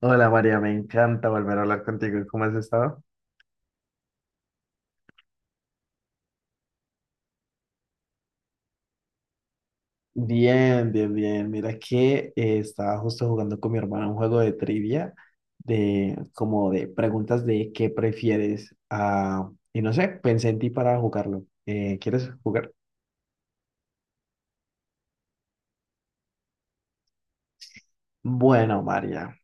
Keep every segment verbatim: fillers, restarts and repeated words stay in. Hola María, me encanta volver a hablar contigo. ¿Cómo has estado? Bien, bien, bien. Mira que eh, estaba justo jugando con mi hermana un juego de trivia de como de preguntas de qué prefieres. Ah, y no sé, pensé en ti para jugarlo. Eh, ¿quieres jugar? Bueno, María,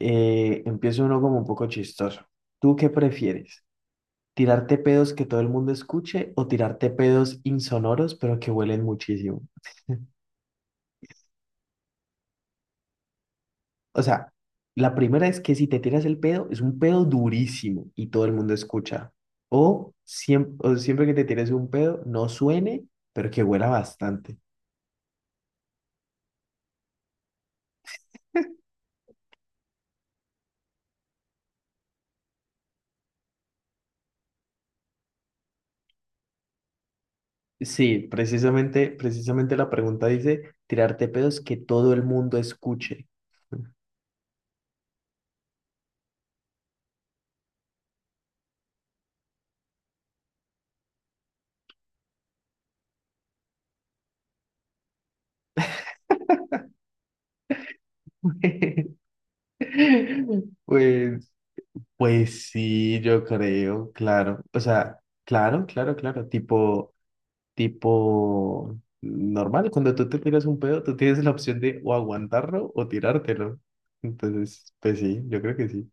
eh, empiezo uno como un poco chistoso. ¿Tú qué prefieres? ¿Tirarte pedos que todo el mundo escuche o tirarte pedos insonoros pero que huelen muchísimo? O sea, la primera es que si te tiras el pedo, es un pedo durísimo y todo el mundo escucha. O siempre, o siempre que te tires un pedo, no suene, pero que huela bastante. Sí, precisamente, precisamente la pregunta dice, tirarte pedos que todo el mundo escuche. Pues, pues sí, yo creo, claro. O sea, claro, claro, claro. Tipo, tipo normal, cuando tú te tiras un pedo, tú tienes la opción de o aguantarlo o tirártelo. Entonces, pues sí, yo creo que sí.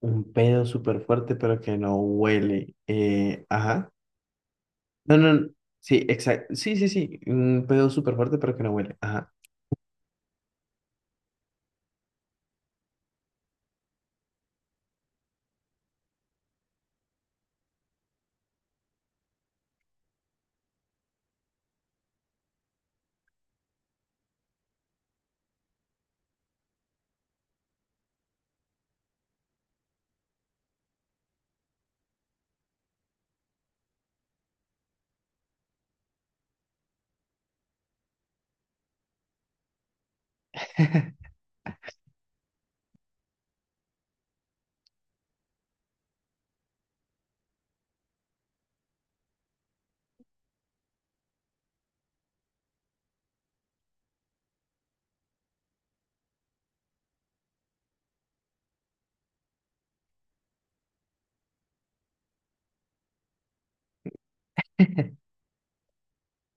Un pedo súper fuerte, pero que no huele. Eh, ajá. No, no, no. Sí, exacto. Sí, sí, sí. Un pedo súper fuerte, pero que no huele. Ajá.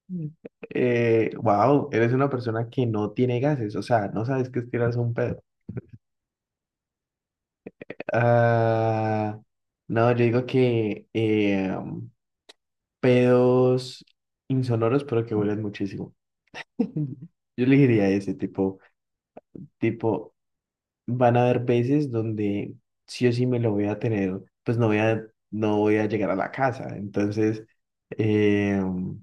Mm. Eh, wow, eres una persona que no tiene gases, o sea, no sabes qué es tirarse un pedo. Ah, no, yo digo que, eh, pedos insonoros, pero que huelen muchísimo. Yo elegiría ese tipo, tipo, van a haber veces donde sí o sí me lo voy a tener, pues no voy a, no voy a llegar a la casa. Entonces, em,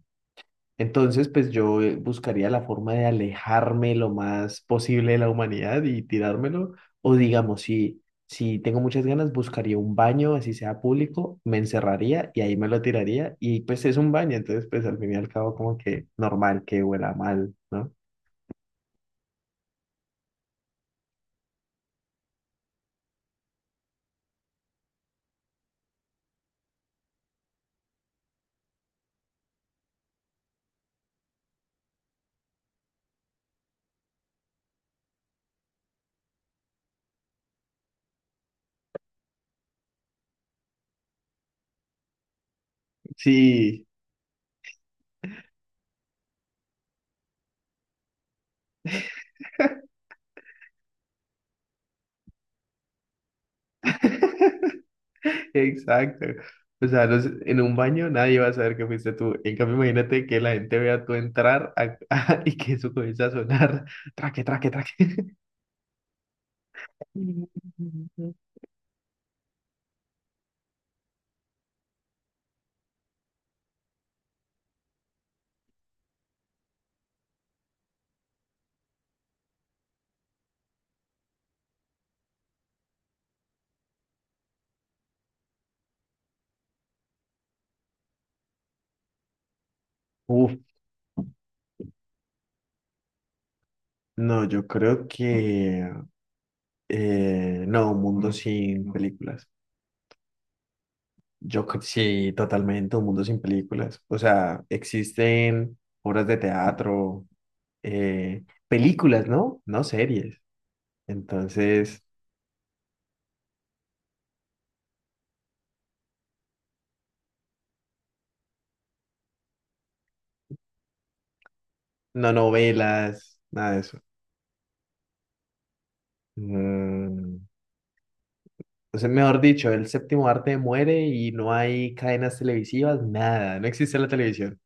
entonces, pues yo eh, buscaría la forma de alejarme lo más posible de la humanidad y tirármelo. O digamos, si, si tengo muchas ganas, buscaría un baño, así sea público, me encerraría y ahí me lo tiraría. Y pues es un baño, entonces pues al fin y al cabo como que normal que huela mal, ¿no? Sí, exacto. O sea, no sé, en un baño nadie va a saber que fuiste tú. En cambio, imagínate que la gente vea tú entrar a- y que eso comienza a sonar. Traque, traque, traque. Ujú. Uf, no, yo creo que eh, no, un mundo sin películas. Yo cre- sí, totalmente, un mundo sin películas. O sea, existen obras de teatro, eh, películas, ¿no? No series. Entonces, no novelas, nada de eso. Mm, o sea, mejor dicho, el séptimo arte muere y no hay cadenas televisivas, nada, no existe la televisión.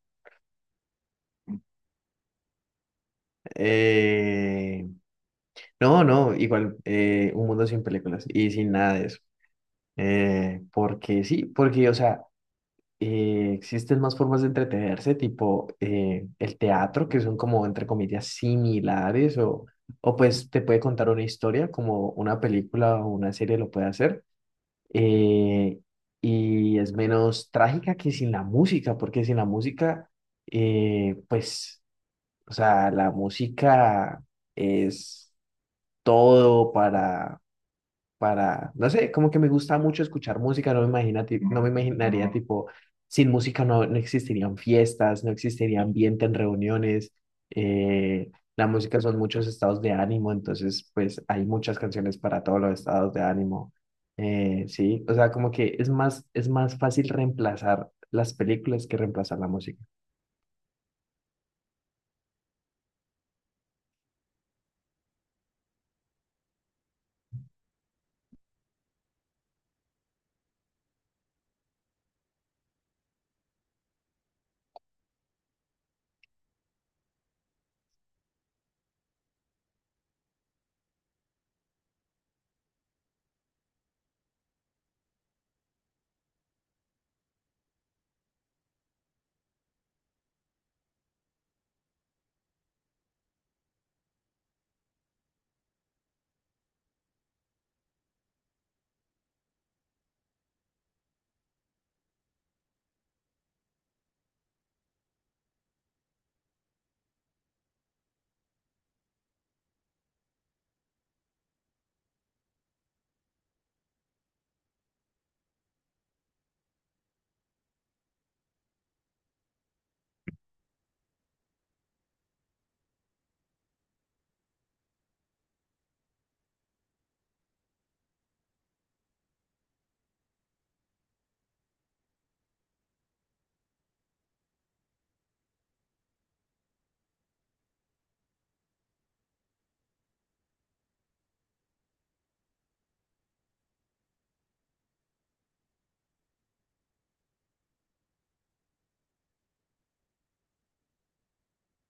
Eh, No, no, igual eh, un mundo sin películas y sin nada de eso. Eh, porque sí, porque, o sea, eh, existen más formas de entretenerse, tipo eh, el teatro, que son como, entre comillas, similares, o, o pues te puede contar una historia, como una película o una serie lo puede hacer. eh, y es menos trágica que sin la música, porque sin la música, eh, pues, o sea, la música es todo para para, no sé, como que me gusta mucho escuchar música, no me imagina, ti- no me imaginaría tipo, sin música no, no existirían fiestas, no existiría ambiente en reuniones, eh, la música son muchos estados de ánimo, entonces pues hay muchas canciones para todos los estados de ánimo, eh, sí, o sea, como que es más, es más fácil reemplazar las películas que reemplazar la música.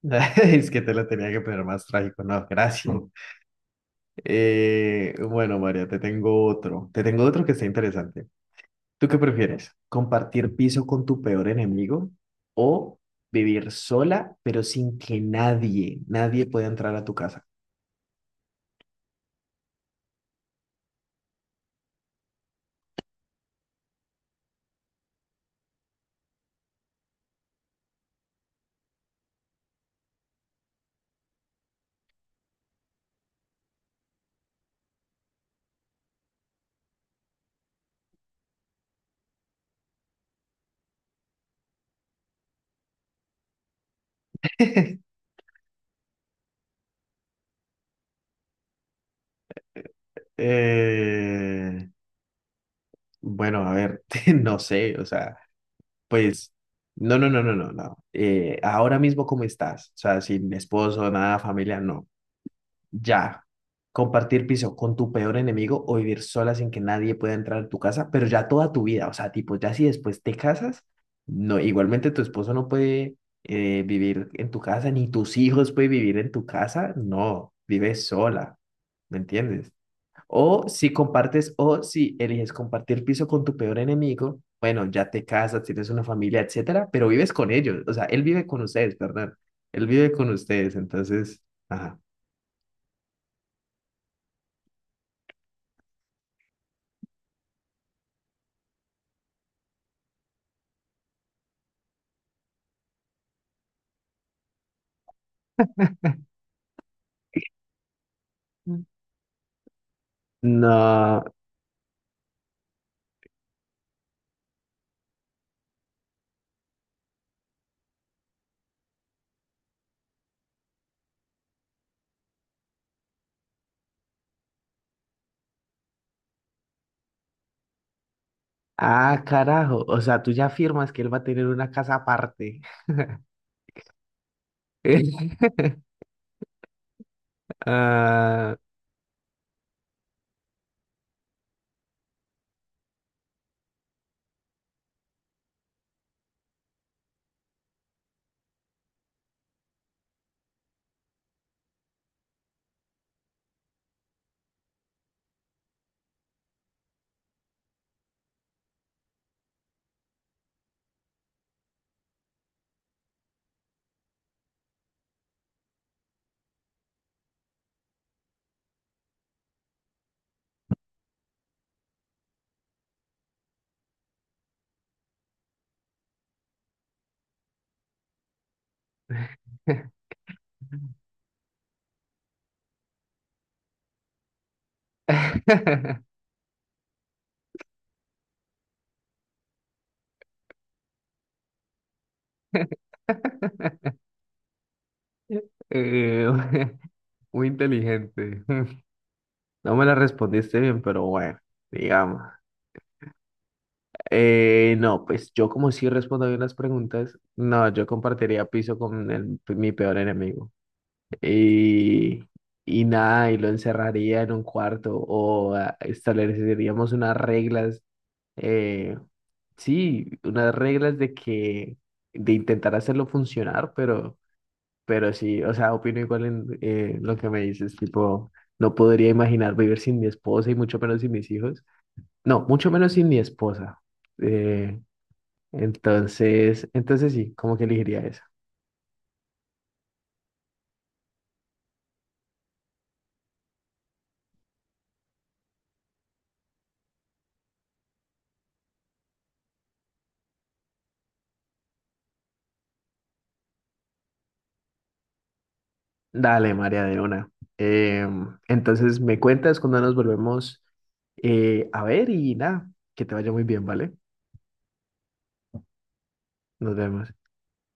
Es que te lo tenía que poner más trágico, no, gracias. Eh, bueno, María, te tengo otro, te tengo otro que está interesante. ¿Tú qué prefieres? ¿Compartir piso con tu peor enemigo o vivir sola, pero sin que nadie, nadie pueda entrar a tu casa? Eh, bueno, a ver, no sé, o sea, pues, no, no, no, no, no, no. Eh, ahora mismo, ¿cómo estás? O sea, sin esposo, nada, familia, no. Ya, compartir piso con tu peor enemigo o vivir sola sin que nadie pueda entrar a tu casa, pero ya toda tu vida, o sea, tipo, ya si después te casas, no, igualmente tu esposo no puede eh, vivir en tu casa, ni tus hijos pueden vivir en tu casa, no, vives sola, ¿me entiendes? O si compartes, o si eliges compartir piso con tu peor enemigo, bueno, ya te casas, tienes una familia, etcétera, pero vives con ellos, o sea, él vive con ustedes, perdón, él vive con ustedes, entonces, ajá. No. Ah, carajo. O sea, tú ya afirmas que él va a tener una casa aparte. Ah, eh, muy inteligente. No me la respondiste bien, pero bueno, digamos. Eh, no, pues yo como sí respondo bien las preguntas, no, yo compartiría piso con el- mi peor enemigo. Y, y nada, y lo encerraría en un cuarto o ah, estableceríamos unas reglas eh, sí, unas reglas de que, de intentar hacerlo funcionar, pero, pero sí, o sea, opino igual en eh, lo que me dices, tipo, no podría imaginar vivir sin mi esposa y mucho menos sin mis hijos. No, mucho menos sin mi esposa. Eh, entonces, entonces sí, como que elegiría eso. Dale, María de una. Em, entonces me cuentas cuando nos volvemos eh, a ver y nada, que te vaya muy bien, ¿vale? Nos vemos.